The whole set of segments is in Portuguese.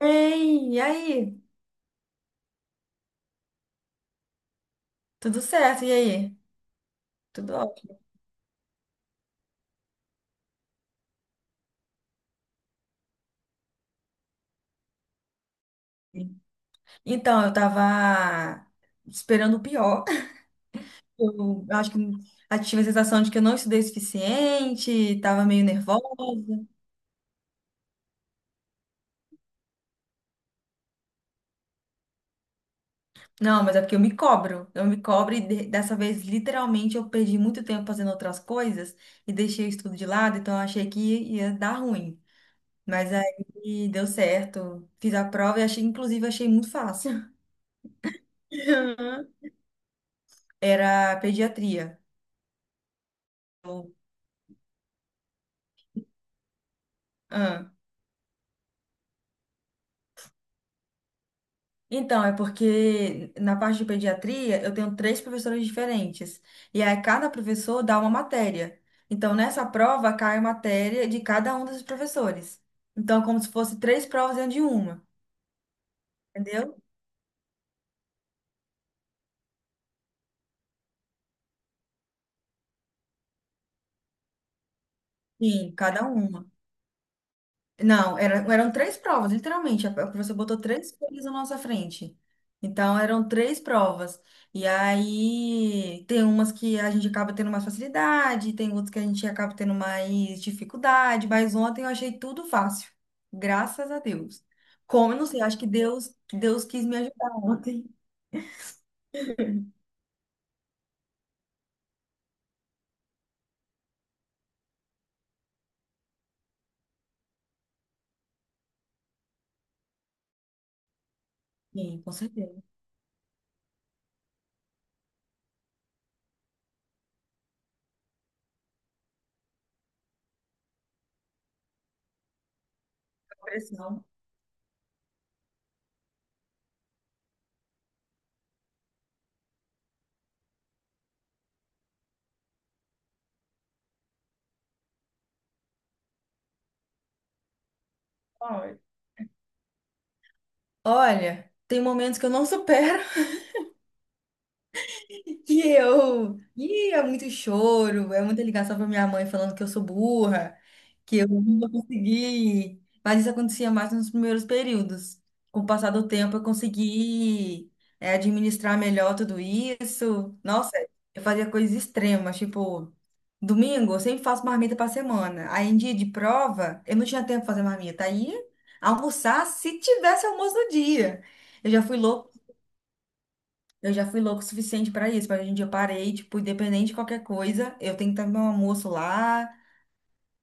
Ei, e aí? Tudo certo, e aí? Tudo ótimo. Então, eu tava esperando o pior. Eu acho que eu tive a sensação de que eu não estudei o suficiente, tava meio nervosa. Não, mas é porque eu me cobro. Dessa vez, literalmente, eu perdi muito tempo fazendo outras coisas e deixei o estudo de lado, então eu achei que ia dar ruim. Mas aí deu certo. Fiz a prova e achei, inclusive, achei muito fácil. Era pediatria. Ah. Então, é porque na parte de pediatria eu tenho três professores diferentes. E aí cada professor dá uma matéria. Então, nessa prova cai a matéria de cada um desses professores. Então, é como se fosse três provas dentro de uma, entendeu? Sim, cada uma. Não, eram três provas, literalmente. A professora botou três folhas na nossa frente. Então, eram três provas. E aí, tem umas que a gente acaba tendo mais facilidade, tem outras que a gente acaba tendo mais dificuldade, mas ontem eu achei tudo fácil. Graças a Deus. Como, eu não sei, acho que Deus quis me ajudar ontem. Sim, com certeza. A pressão. Olha, tem momentos que eu não supero. E é muito choro, é muita ligação pra minha mãe falando que eu sou burra, que eu não vou conseguir. Mas isso acontecia mais nos primeiros períodos. Com o passar do tempo, eu consegui, administrar melhor tudo isso. Nossa, eu fazia coisas extremas, tipo, domingo eu sempre faço marmita pra semana. Aí em dia de prova, eu não tinha tempo pra fazer marmita. Aí almoçar se tivesse almoço no dia. Eu já fui louca eu já fui louco o suficiente pra isso, mas hoje em dia eu parei, tipo, independente de qualquer coisa, eu tenho que estar no meu almoço lá,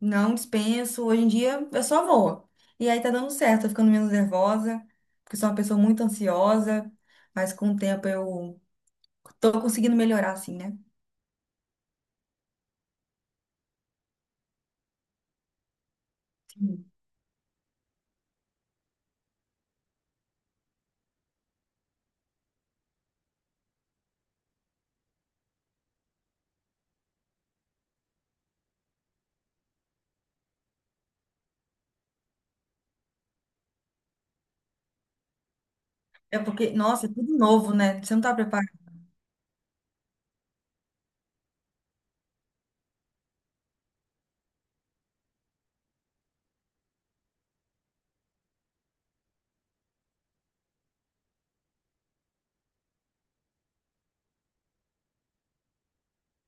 não dispenso. Hoje em dia eu só vou. E aí tá dando certo, tô ficando menos nervosa, porque sou uma pessoa muito ansiosa, mas com o tempo eu tô conseguindo melhorar, assim, né? Sim. É porque, nossa, é tudo novo, né? Você não tá preparado.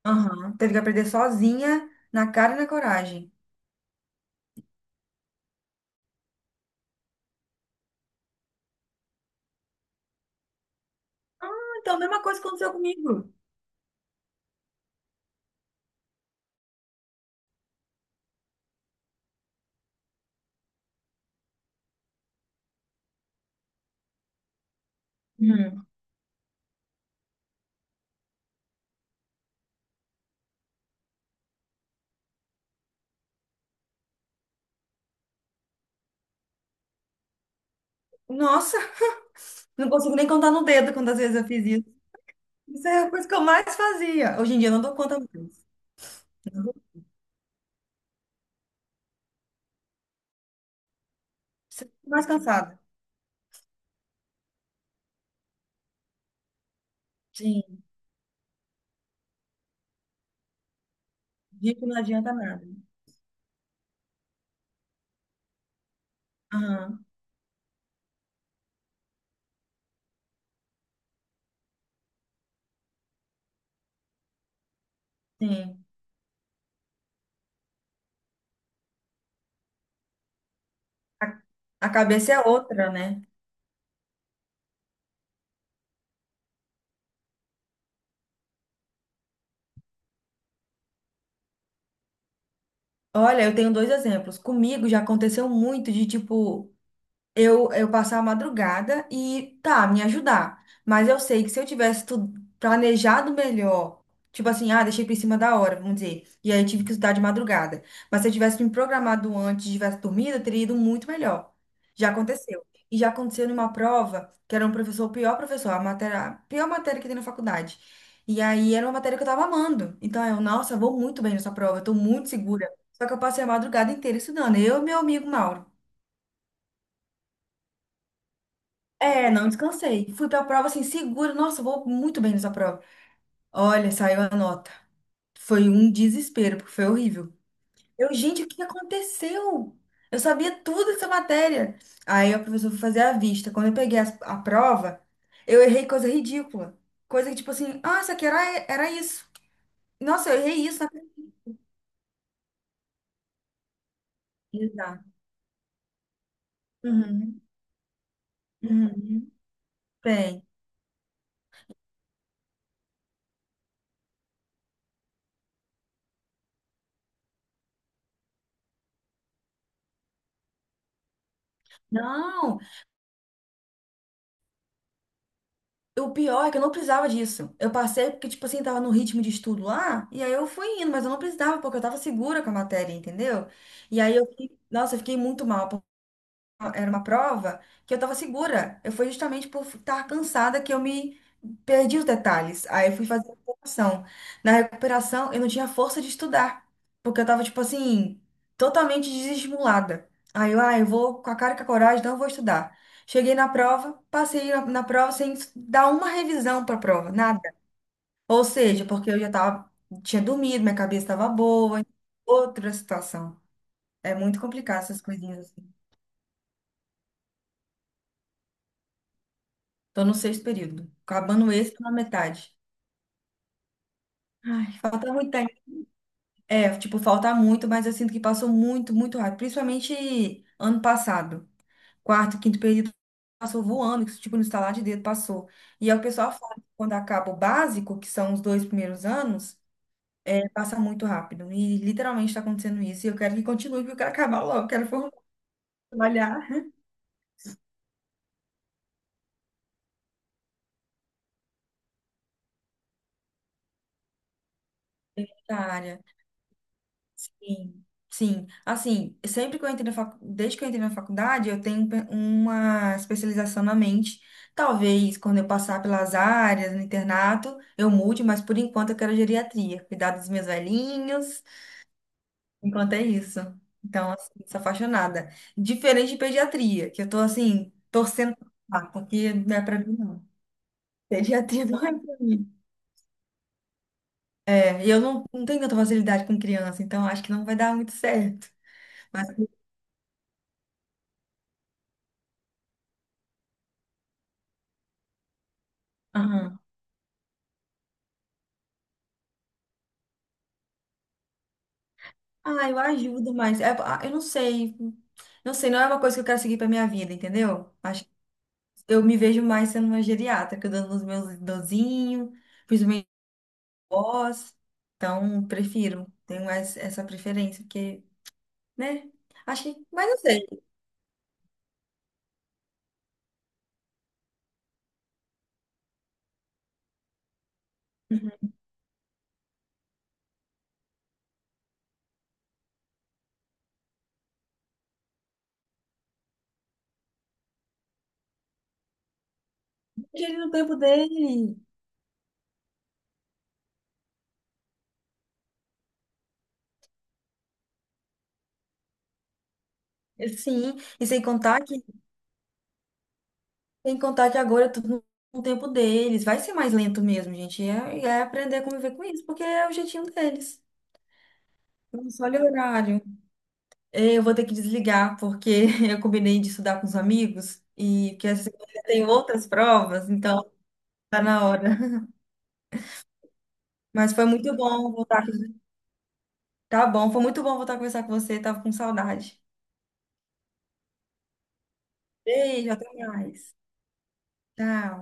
Aham. Teve que aprender sozinha, na cara e na coragem. Então, a mesma coisa aconteceu comigo. Uhum. Nossa, não consigo nem contar no dedo quantas vezes eu fiz isso. Isso é a coisa que eu mais fazia. Hoje em dia eu não dou conta mais. Não dou- Sempre mais cansada. Sim, dia que não adianta nada. Aham, sim. A, a cabeça é outra, né? Olha, eu tenho dois exemplos. Comigo já aconteceu muito de tipo. Eu passar a madrugada e tá, me ajudar. Mas eu sei que se eu tivesse tu- planejado melhor, tipo assim, ah, deixei por cima da hora, vamos dizer, e aí tive que estudar de madrugada. Mas se eu tivesse me programado antes, tivesse dormido, eu teria ido muito melhor. Já aconteceu. E já aconteceu numa prova, que era um professor, o pior professor, a matéria, a pior matéria que tem na faculdade. E aí era uma matéria que eu tava amando. Então eu, nossa, vou muito bem nessa prova, eu tô muito segura. Só que eu passei a madrugada inteira estudando, eu e meu amigo Mauro. É, não descansei. Fui pra prova assim, seguro. Nossa, eu vou muito bem nessa prova. Olha, saiu a nota. Foi um desespero, porque foi horrível. Eu, gente, o que aconteceu? Eu sabia tudo dessa matéria. Aí a professora foi fazer a vista. Quando eu peguei a prova, eu errei coisa ridícula. Coisa que, tipo assim, ah, era isso. Nossa, eu errei isso na pesquisa. Uhum, uhum, uhum. Tem. Não. O pior é que eu não precisava disso. Eu passei porque, tipo assim, tava no ritmo de estudo lá, e aí eu fui indo, mas eu não precisava, porque eu tava segura com a matéria, entendeu? E aí eu fiquei, nossa, eu fiquei muito mal, era uma prova que eu tava segura. Eu fui justamente por estar cansada que eu me perdi os detalhes. Aí eu fui fazer recuperação. Na recuperação, eu não tinha força de estudar, porque eu tava, tipo assim, totalmente desestimulada. Aí eu, ah, eu vou com a cara e com a coragem, não vou estudar. Cheguei na prova, passei na prova sem dar uma revisão para a prova, nada. Ou seja, porque eu já tava, tinha dormido, minha cabeça estava boa, outra situação. É muito complicado essas coisinhas, assim. Tô no sexto período. Acabando esse, tô na metade. Ai, falta muito tempo. É, tipo, falta muito, mas eu sinto que passou muito, muito rápido. Principalmente ano passado. Quarto, quinto período passou voando, que, tipo, no estalar de dedo passou. E aí o que o pessoal fala que quando acaba o básico, que são os dois primeiros anos, é, passa muito rápido. E literalmente está acontecendo isso. E eu quero que continue, porque eu quero acabar logo, quero formar, trabalhar. Da área. Sim, sim. Assim, sempre que eu entrei na fac... Desde que eu entrei na faculdade, eu tenho uma especialização na mente. Talvez quando eu passar pelas áreas, no internato, eu mude, mas por enquanto eu quero geriatria, cuidar dos meus velhinhos, enquanto é isso. Então, assim, sou apaixonada. Diferente de pediatria, que eu tô assim, torcendo pra passar, porque não é pra mim, não. Pediatria não é pra mim. É, e eu não, não tenho tanta facilidade com criança, então acho que não vai dar muito certo. Mas, aham. Ah, eu ajudo, ah, eu não sei. Não sei, não é uma coisa que eu quero seguir pra minha vida, entendeu? Acho que eu me vejo mais sendo uma geriatra, cuidando dos meus idosinhos, principalmente avós. Então, prefiro. Tenho mais essa preferência, porque, né? Acho que, mas não sei. Deixa ele no tempo dele. Sim, e sem contar que, sem contar que agora é tudo no tempo deles. Vai ser mais lento mesmo, gente. É, é aprender a conviver com isso, porque é o jeitinho deles. Não só olha o horário. É, eu vou ter que desligar, porque eu combinei de estudar com os amigos e que essa semana eu tenho outras provas, então tá na hora. Mas foi muito bom voltar. Com- Tá bom, foi muito bom voltar a conversar com você, tava com saudade. Beijo, até mais. Tchau.